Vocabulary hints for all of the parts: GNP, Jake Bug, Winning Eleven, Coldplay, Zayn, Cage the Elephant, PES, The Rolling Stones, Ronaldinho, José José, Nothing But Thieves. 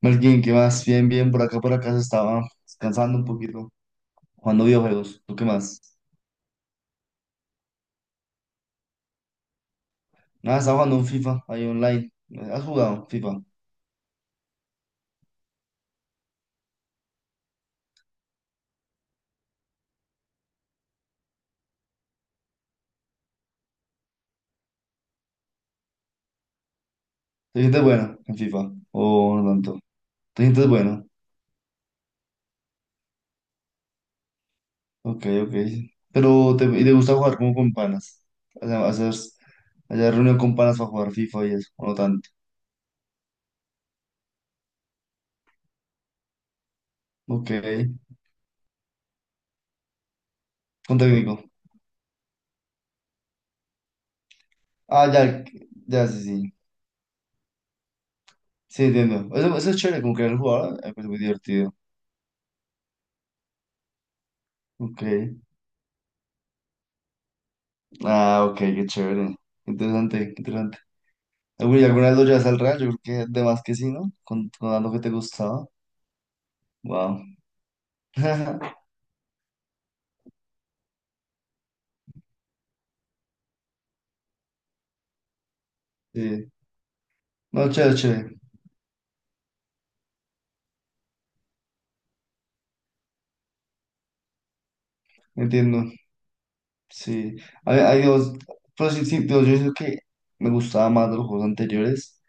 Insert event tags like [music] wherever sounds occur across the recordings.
Más bien, ¿qué más? Bien, bien, por acá, se estaba descansando un poquito, jugando videojuegos. ¿Tú qué más? Nada, estaba jugando un FIFA ahí online. ¿Has jugado FIFA? ¿Te sientes bueno en FIFA? ¿O no tanto? ¿Te sientes bueno? Ok, ok. Pero, y te gusta jugar como con panas? O sea, hacer, hacer reunión con panas para jugar FIFA y eso, o no tanto. Ok, con técnico. Ah, ya, ya, sí, sí. Sí, entiendo. Eso es chévere, como que el jugador, es muy divertido. Ok. Ah, ok, qué chévere. Interesante, interesante. Güey, ¿alguna vez lo llevas al Real? Yo creo que de más que sí, ¿no? Con algo que te gustaba. Wow. [laughs] Sí. No, chévere, chévere. Entiendo. Sí. hay hay dos- Pero sí, sí, pero yo siento que me gustaba más de los juegos anteriores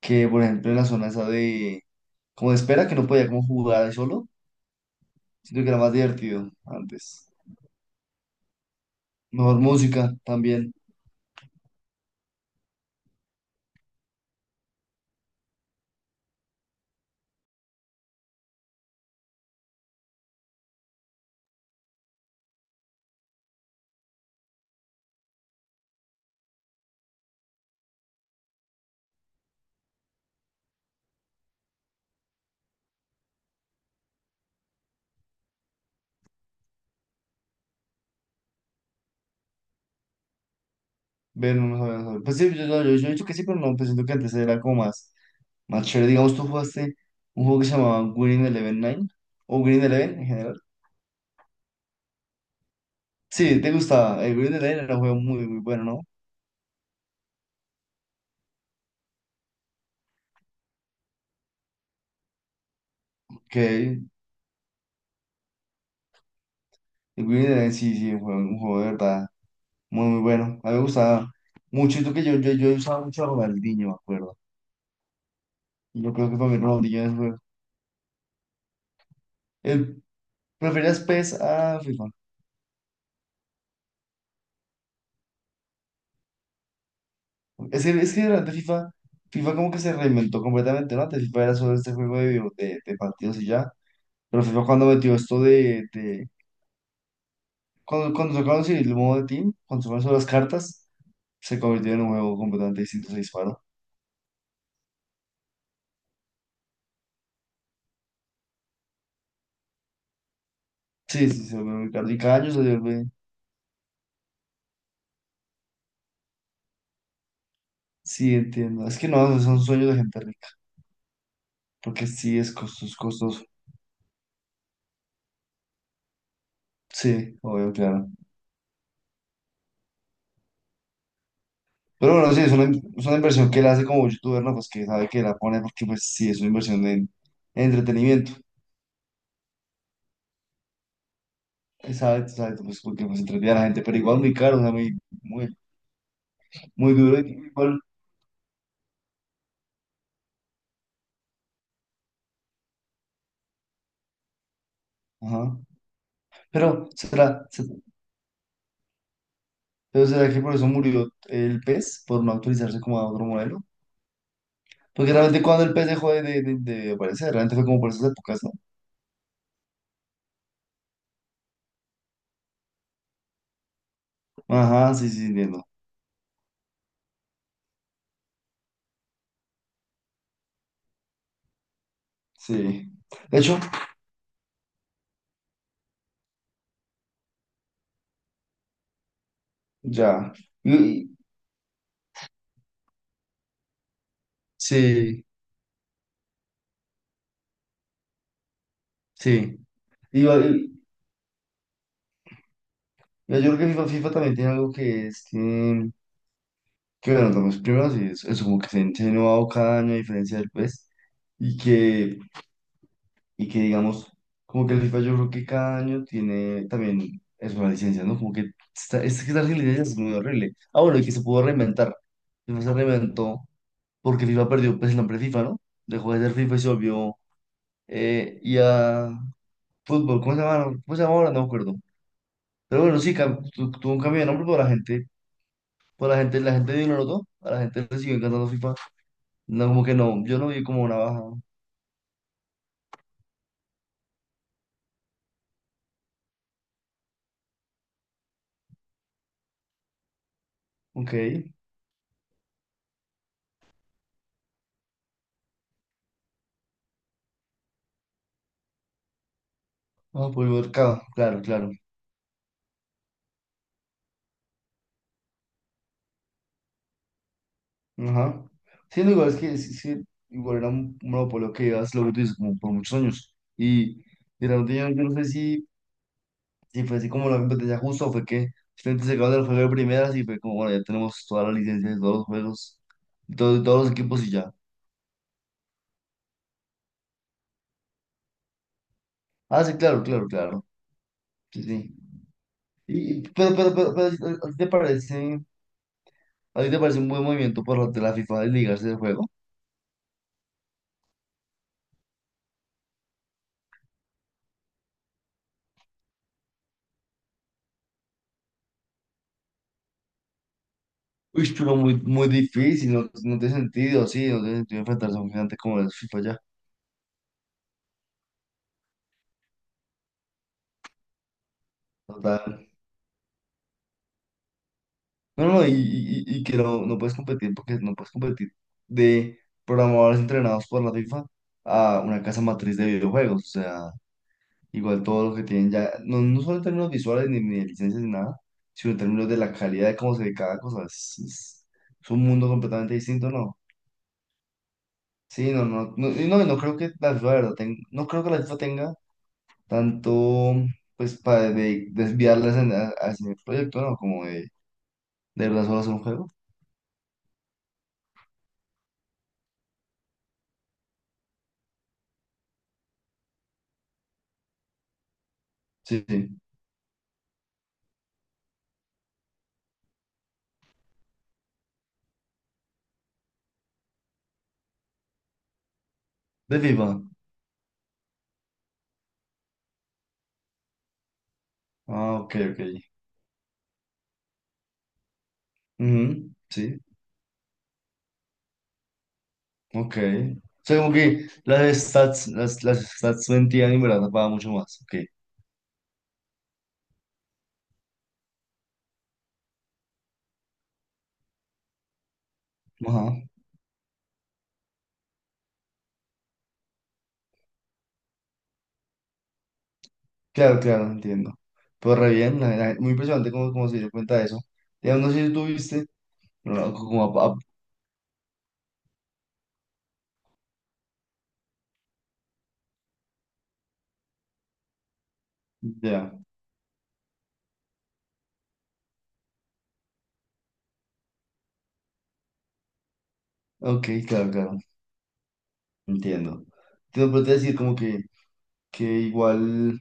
que, por ejemplo, en la zona esa de como de espera, que no podía como jugar ahí solo. Siento que era más divertido antes. Mejor música también. Ver, no, no, no, no. Sabía. Pues sí, yo he dicho que sí, pero no, pues siento que antes era como más. Más chévere, digamos, tú jugaste un juego que se llamaba Winning Eleven Nine o Winning Eleven en general. Sí, te gustaba. El Winning Eleven era un juego muy, muy bueno, ¿no? Ok, el Winning Eleven sí, sí, fue un juego de verdad muy, muy bueno. A mí me gustaba mucho. Y tú que yo usaba mucho a Ronaldinho, me acuerdo. Y yo creo que para mí Ronaldinho es el juego. El, ¿preferías PES a FIFA? Es que durante FIFA, FIFA como que se reinventó completamente, ¿no? Antes FIFA era solo este juego de, de partidos y ya. Pero FIFA cuando metió esto de cuando, cuando sacaron sí, el modo de Team, cuando sacaron solo las cartas, se convirtió en un juego completamente distinto, se disparó. Sí, sí, se volvió muy caro. Y cada año se vuelve. Sí, entiendo. Es que no, son sueños de gente rica, porque sí es costoso, costoso. Sí, obvio, claro. Pero bueno, sí, es una inversión que él hace como youtuber, ¿no? Pues que sabe que la pone porque, pues sí, es una inversión en entretenimiento. Exacto, exacto, pues porque pues entretiene a la gente, pero igual muy caro, o sea, muy, muy, muy duro. Y igual, ajá. Pero, ¿será? Entonces será que por eso murió el pez, por no actualizarse como a otro modelo. Porque realmente cuando el pez dejó de aparecer, realmente fue como por esas épocas, ¿no? Ajá, sí, sí, entiendo. Sí. De hecho, ya. Y- sí, sí. Y, va- y- yo creo que FIFA, FIFA también tiene algo que es que bueno, los primeros, y eso como que se ha innovado cada año a diferencia del pez. Y que y que digamos, como que el FIFA yo creo que cada año tiene también es una licencia, ¿no? Como que esta, es que esta licencia es muy horrible. Ah, bueno, y que se pudo reinventar. FIFA se reinventó porque FIFA perdió pues, el nombre FIFA, ¿no? Dejó de ser FIFA y se volvió y a fútbol, ¿cómo se llama? ¿Cómo se llama ahora? No me acuerdo. Pero bueno, sí, tuvo un cambio de nombre, pero la gente, la gente dio lo notó, a la gente le siguió encantando FIFA. No, como que no, yo no vi como una baja. Ok. Ah, por el mercado, claro, claro. Ajá. Sí, no, igual es que sí, sí, igual era un monopolio que llevas lo que tú dices, como por muchos años. Y realmente yo no sé si, si fue así como la competencia justa o fue que simplemente se acabó el juego de primeras y fue como, bueno, ya tenemos todas las licencias de todos los juegos, de todos los equipos y ya. Ah, sí, claro, claro, claro. Sí, sí. Pero ¿a ti te parece, a ti te parece un buen movimiento por parte de la FIFA desligarse del juego? Uy, pero muy, muy difícil, no, no tiene sentido, sí, no tiene sentido enfrentarse a un gigante como el FIFA ya. Total. No, no, y que no, no puedes competir porque no puedes competir de programadores entrenados por la FIFA a una casa matriz de videojuegos. O sea, igual todo lo que tienen ya, no, no solo en términos visuales ni, ni de licencias ni nada, sino en términos de la calidad de cómo se ve cada cosa. Es un mundo completamente distinto, ¿no? Sí, no, no, no, y no creo que la FIFA, de verdad, no creo que la FIFA tenga tanto, pues, para desviarlas hacia el proyecto, ¿no? Como de verdad solo hacer un juego. Sí, sí, de FIFA. Ah, ok, ok. Ujú, sí, ok. O sea, como que las stats de en verdad pagan mucho más. Ok. Ajá. Claro, claro, entiendo. Pero re bien, muy impresionante cómo, cómo se dio cuenta de eso. Ya no sé si tú viste bueno, no, ya. Ok, claro, claro, entiendo. Te puedo decir como que igual,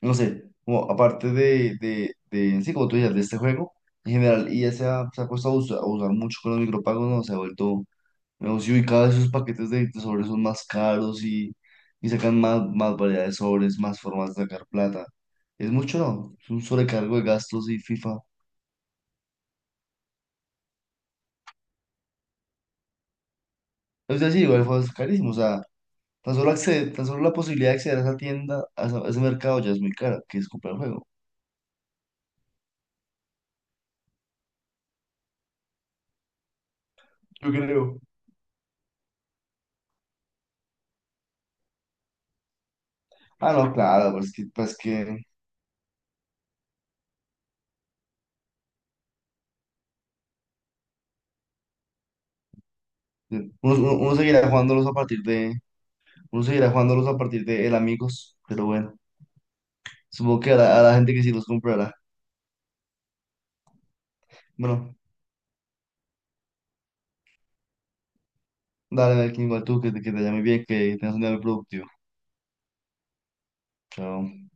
no sé, como aparte de, sí, como tú dices, de este juego, en general, y ya se ha puesto a usar mucho con los micropagos, ¿no? Se ha vuelto no, sí, y cada vez esos paquetes de sobres son más caros y sacan más, más variedad de sobres, más formas de sacar plata. Es mucho, ¿no? Es un sobrecargo de gastos y FIFA. Es decir, igual fue carísimo. O sea, tan solo, acceder, tan solo la posibilidad de acceder a esa tienda, a, a ese mercado ya es muy cara, que es comprar el juego. Yo creo. Ah, no, claro, pues que uno seguirá jugándolos a partir de, uno seguirá jugándolos a partir de el amigos, pero bueno, supongo que a la gente que sí los comprará. Bueno. Dale, Melkin, igual tú, que, que te llame bien, que tengas un día muy productivo. Chao.